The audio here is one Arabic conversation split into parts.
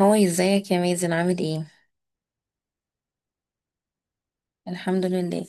هو ازيك يا مازن عامل ايه؟ الحمد لله.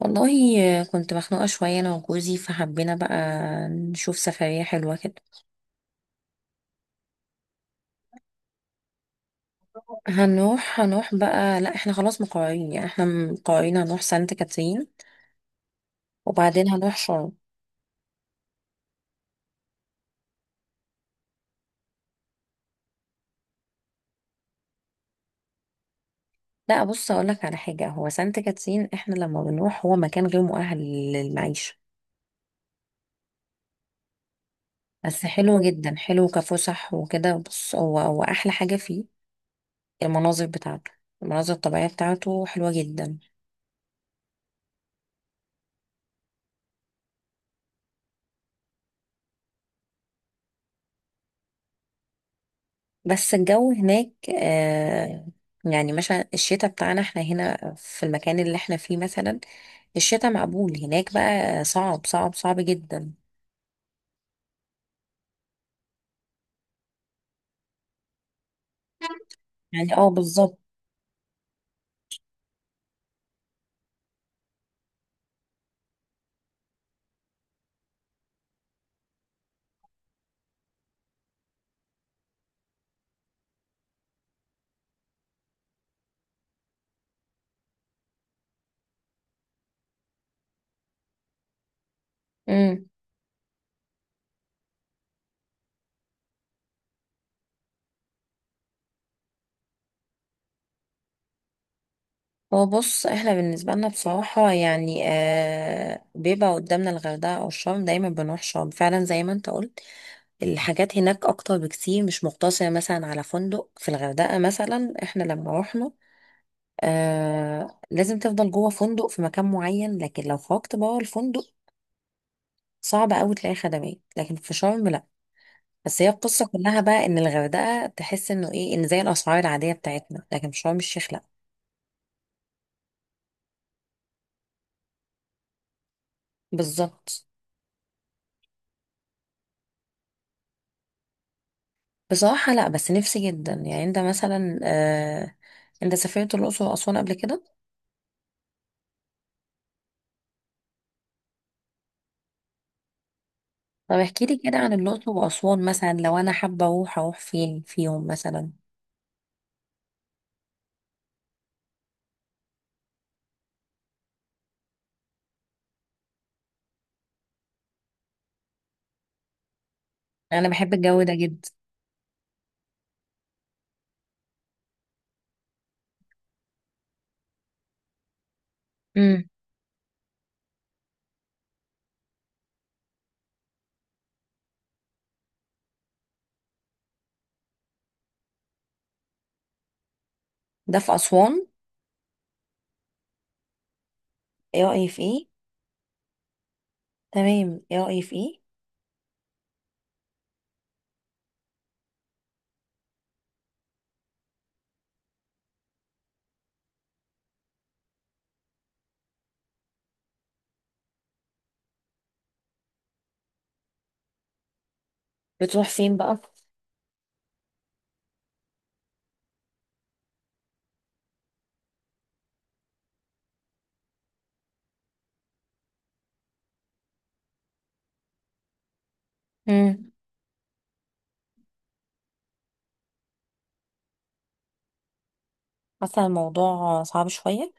والله كنت مخنوقة شوية انا وجوزي، فحبينا بقى نشوف سفرية حلوة كده. هنروح بقى، لا، احنا خلاص مقررين، يعني احنا مقررين هنروح سانت كاترين، وبعدين هنروح شرم. لا، بص اقولك على حاجة، هو سانت كاترين احنا لما بنروح، هو مكان غير مؤهل للمعيشة. بس حلو جدا، حلو كفسح وكده. بص، هو احلى حاجة فيه المناظر بتاعته المناظر الطبيعية بتاعته حلوة جدا. بس الجو هناك آه يعني مثلا الشتاء بتاعنا احنا هنا في المكان اللي احنا فيه مثلا، الشتاء مقبول. هناك بقى صعب صعب صعب جدا. يعني اه، بالظبط. امم. هو بص، احنا بالنسبة لنا بصراحة يعني بيبقى قدامنا الغردقة او الشرم. دايما بنروح شرم فعلا، زي ما انت قلت، الحاجات هناك اكتر بكتير، مش مقتصرة مثلا على فندق. في الغردقة مثلا احنا لما رحنا، لازم تفضل جوه فندق في مكان معين، لكن لو خرجت بره الفندق صعب قوي تلاقي خدمات. لكن في شرم لا. بس هي القصه كلها بقى، ان الغردقه تحس انه ايه، ان زي الاسعار العاديه بتاعتنا، لكن في شرم الشيخ لا. بالظبط. بصراحه لا، بس نفسي جدا. يعني انت مثلا، انت سافرت الاقصر واسوان قبل كده؟ طب احكي لي كده عن الاقصر واسوان، مثلا لو انا حابه اروح، اروح فين فيهم مثلا؟ انا بحب الجو ده جدا. امم. ده في اسوان؟ ايه رايي في ايه؟ تمام، ايه رايي في ايه؟ بتروح فين بقى؟ امم. حاسه الموضوع صعب شويه.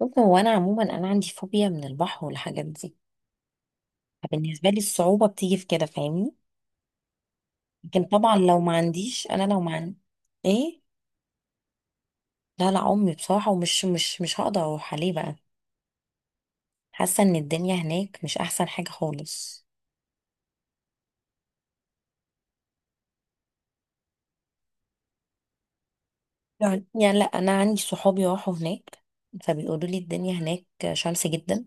بص، هو انا عموما انا عندي فوبيا من البحر والحاجات دي، فبالنسبه لي الصعوبه بتيجي في كده، فاهمني. لكن طبعا لو ما عندي... ايه؟ لا لا، امي بصراحه، ومش مش هقدر اروح عليه بقى. حاسه ان الدنيا هناك مش احسن حاجه خالص. يعني لا، انا عندي صحابي راحوا هناك، فبيقولوا لي الدنيا هناك شمس جدا،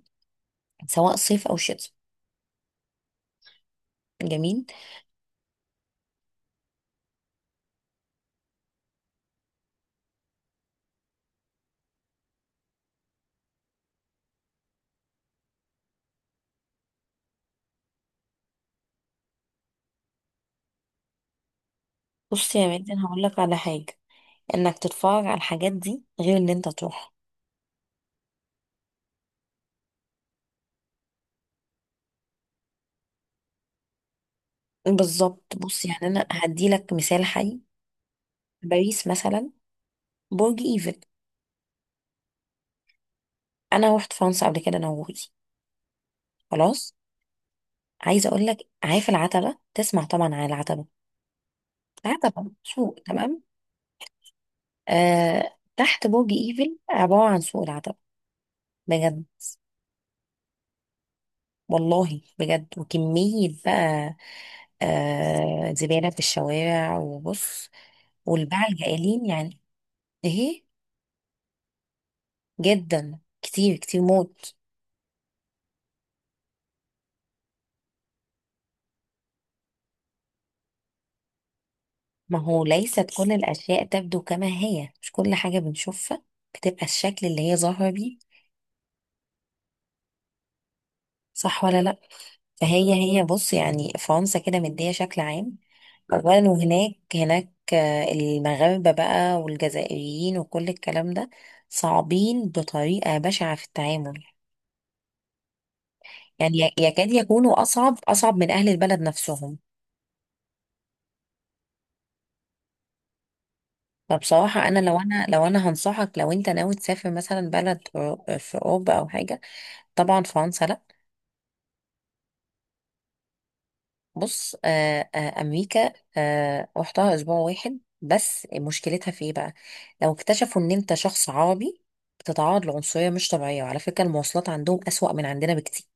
سواء صيف او شتاء. جميل. بص يا ميدان، هقول لك على حاجه، انك تتفرج على الحاجات دي غير ان انت تروح. بالظبط. بص يعني، انا هدي لك مثال حي. باريس مثلا، برج ايفل. انا روحت فرنسا قبل كده انا وجوزي، خلاص. عايزه اقول لك، عارف العتبه؟ تسمع طبعا عن العتبه. العتبه سوق، تمام؟ تحت برج ايفل عباره عن سوق العتبه، بجد. والله بجد. وكميه بقى زباله في الشوارع، وبص، والباعة الجائلين، يعني. ايه. جدا كتير كتير موت. ما هو ليست كل الأشياء تبدو كما هي، مش كل حاجة بنشوفها بتبقى الشكل اللي هي ظاهرة بيه. صح ولا لأ؟ فهي بص، يعني فرنسا كده مدية شكل عام. أولا، وهناك هناك آه، المغاربة بقى والجزائريين وكل الكلام ده، صعبين بطريقة بشعة في التعامل. يعني يكاد يكونوا أصعب أصعب من أهل البلد نفسهم. فبصراحة أنا لو أنا هنصحك، لو أنت ناوي تسافر مثلا بلد في أوروبا أو حاجة، طبعا فرنسا لأ. بص امريكا، رحتها اسبوع واحد بس، مشكلتها في ايه بقى؟ لو اكتشفوا ان انت شخص عربي بتتعرض لعنصريه مش طبيعيه. وعلى فكره، المواصلات عندهم اسوأ من عندنا بكتير.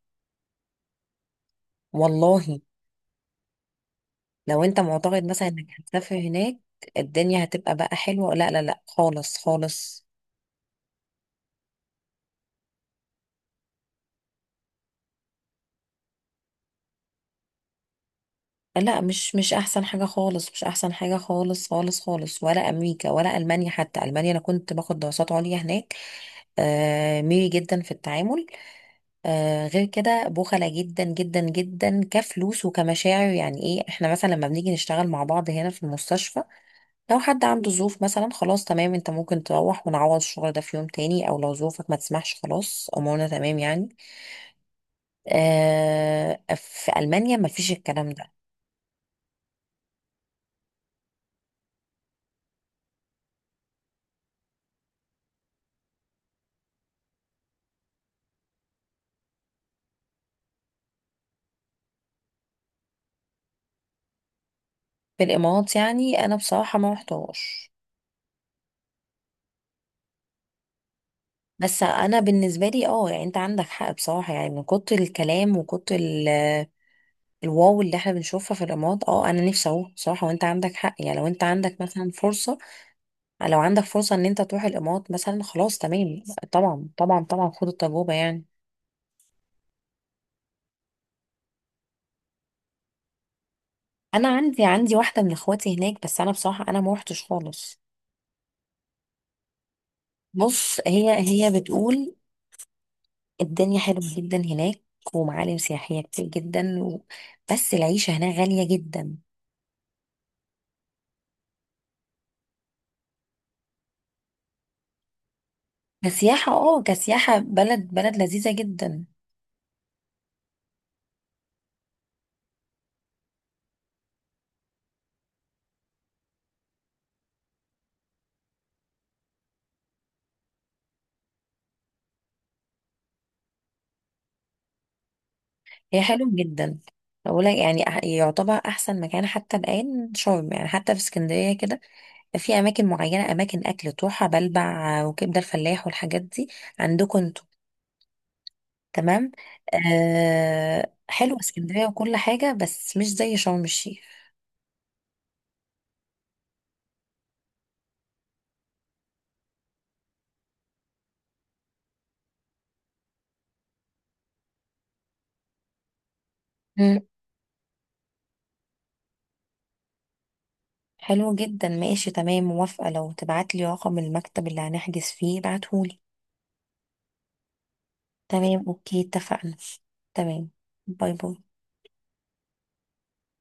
والله. لو انت معتقد مثلا انك هتسافر هناك الدنيا هتبقى بقى حلوه، لا لا لا، خالص خالص. لا، مش احسن حاجه خالص، مش احسن حاجه خالص خالص خالص. ولا امريكا ولا المانيا، حتى المانيا. انا كنت باخد دراسات عليا هناك. ميري جدا في التعامل. غير كده بخلة جدا جدا جدا، كفلوس وكمشاعر. يعني ايه، احنا مثلا لما بنيجي نشتغل مع بعض هنا في المستشفى، لو حد عنده ظروف، مثلا خلاص تمام، انت ممكن تروح ونعوض الشغل ده في يوم تاني. او لو ظروفك ما تسمحش، خلاص، امورنا تمام، يعني. في المانيا ما فيش الكلام ده. في الامارات، يعني انا بصراحة ما رحتهاش. بس انا بالنسبة لي، اه، يعني انت عندك حق بصراحة، يعني من كتر الكلام وكتر الواو اللي احنا بنشوفها في الرماد، اه انا نفسي اروح بصراحه. وانت عندك حق، يعني لو انت عندك مثلا فرصه، لو عندك فرصه ان انت تروح الامارات مثلا، خلاص تمام. طبعا طبعا طبعا، خد التجربه يعني. انا عندي واحده من اخواتي هناك، بس انا بصراحه انا ما روحتش خالص. بص، هي بتقول الدنيا حلوه جدا هناك، ومعالم سياحيه كتير جدا و... بس العيشه هناك غاليه جدا. كسياحه، كسياحه، بلد لذيذه جدا. هي حلو جدا. بقول لك يعني يعتبر احسن مكان حتى الان شرم. يعني حتى في اسكندريه كده، في اماكن معينه، اماكن اكل تروحها، بلبع وكبده الفلاح والحاجات دي، عندكم انتوا. تمام. حلو اسكندريه وكل حاجه، بس مش زي شرم الشيخ. مم. حلو جدا، ماشي تمام، موافقه. لو تبعت لي رقم المكتب اللي هنحجز فيه ابعتهولي. تمام، اوكي، اتفقنا. تمام. باي باي.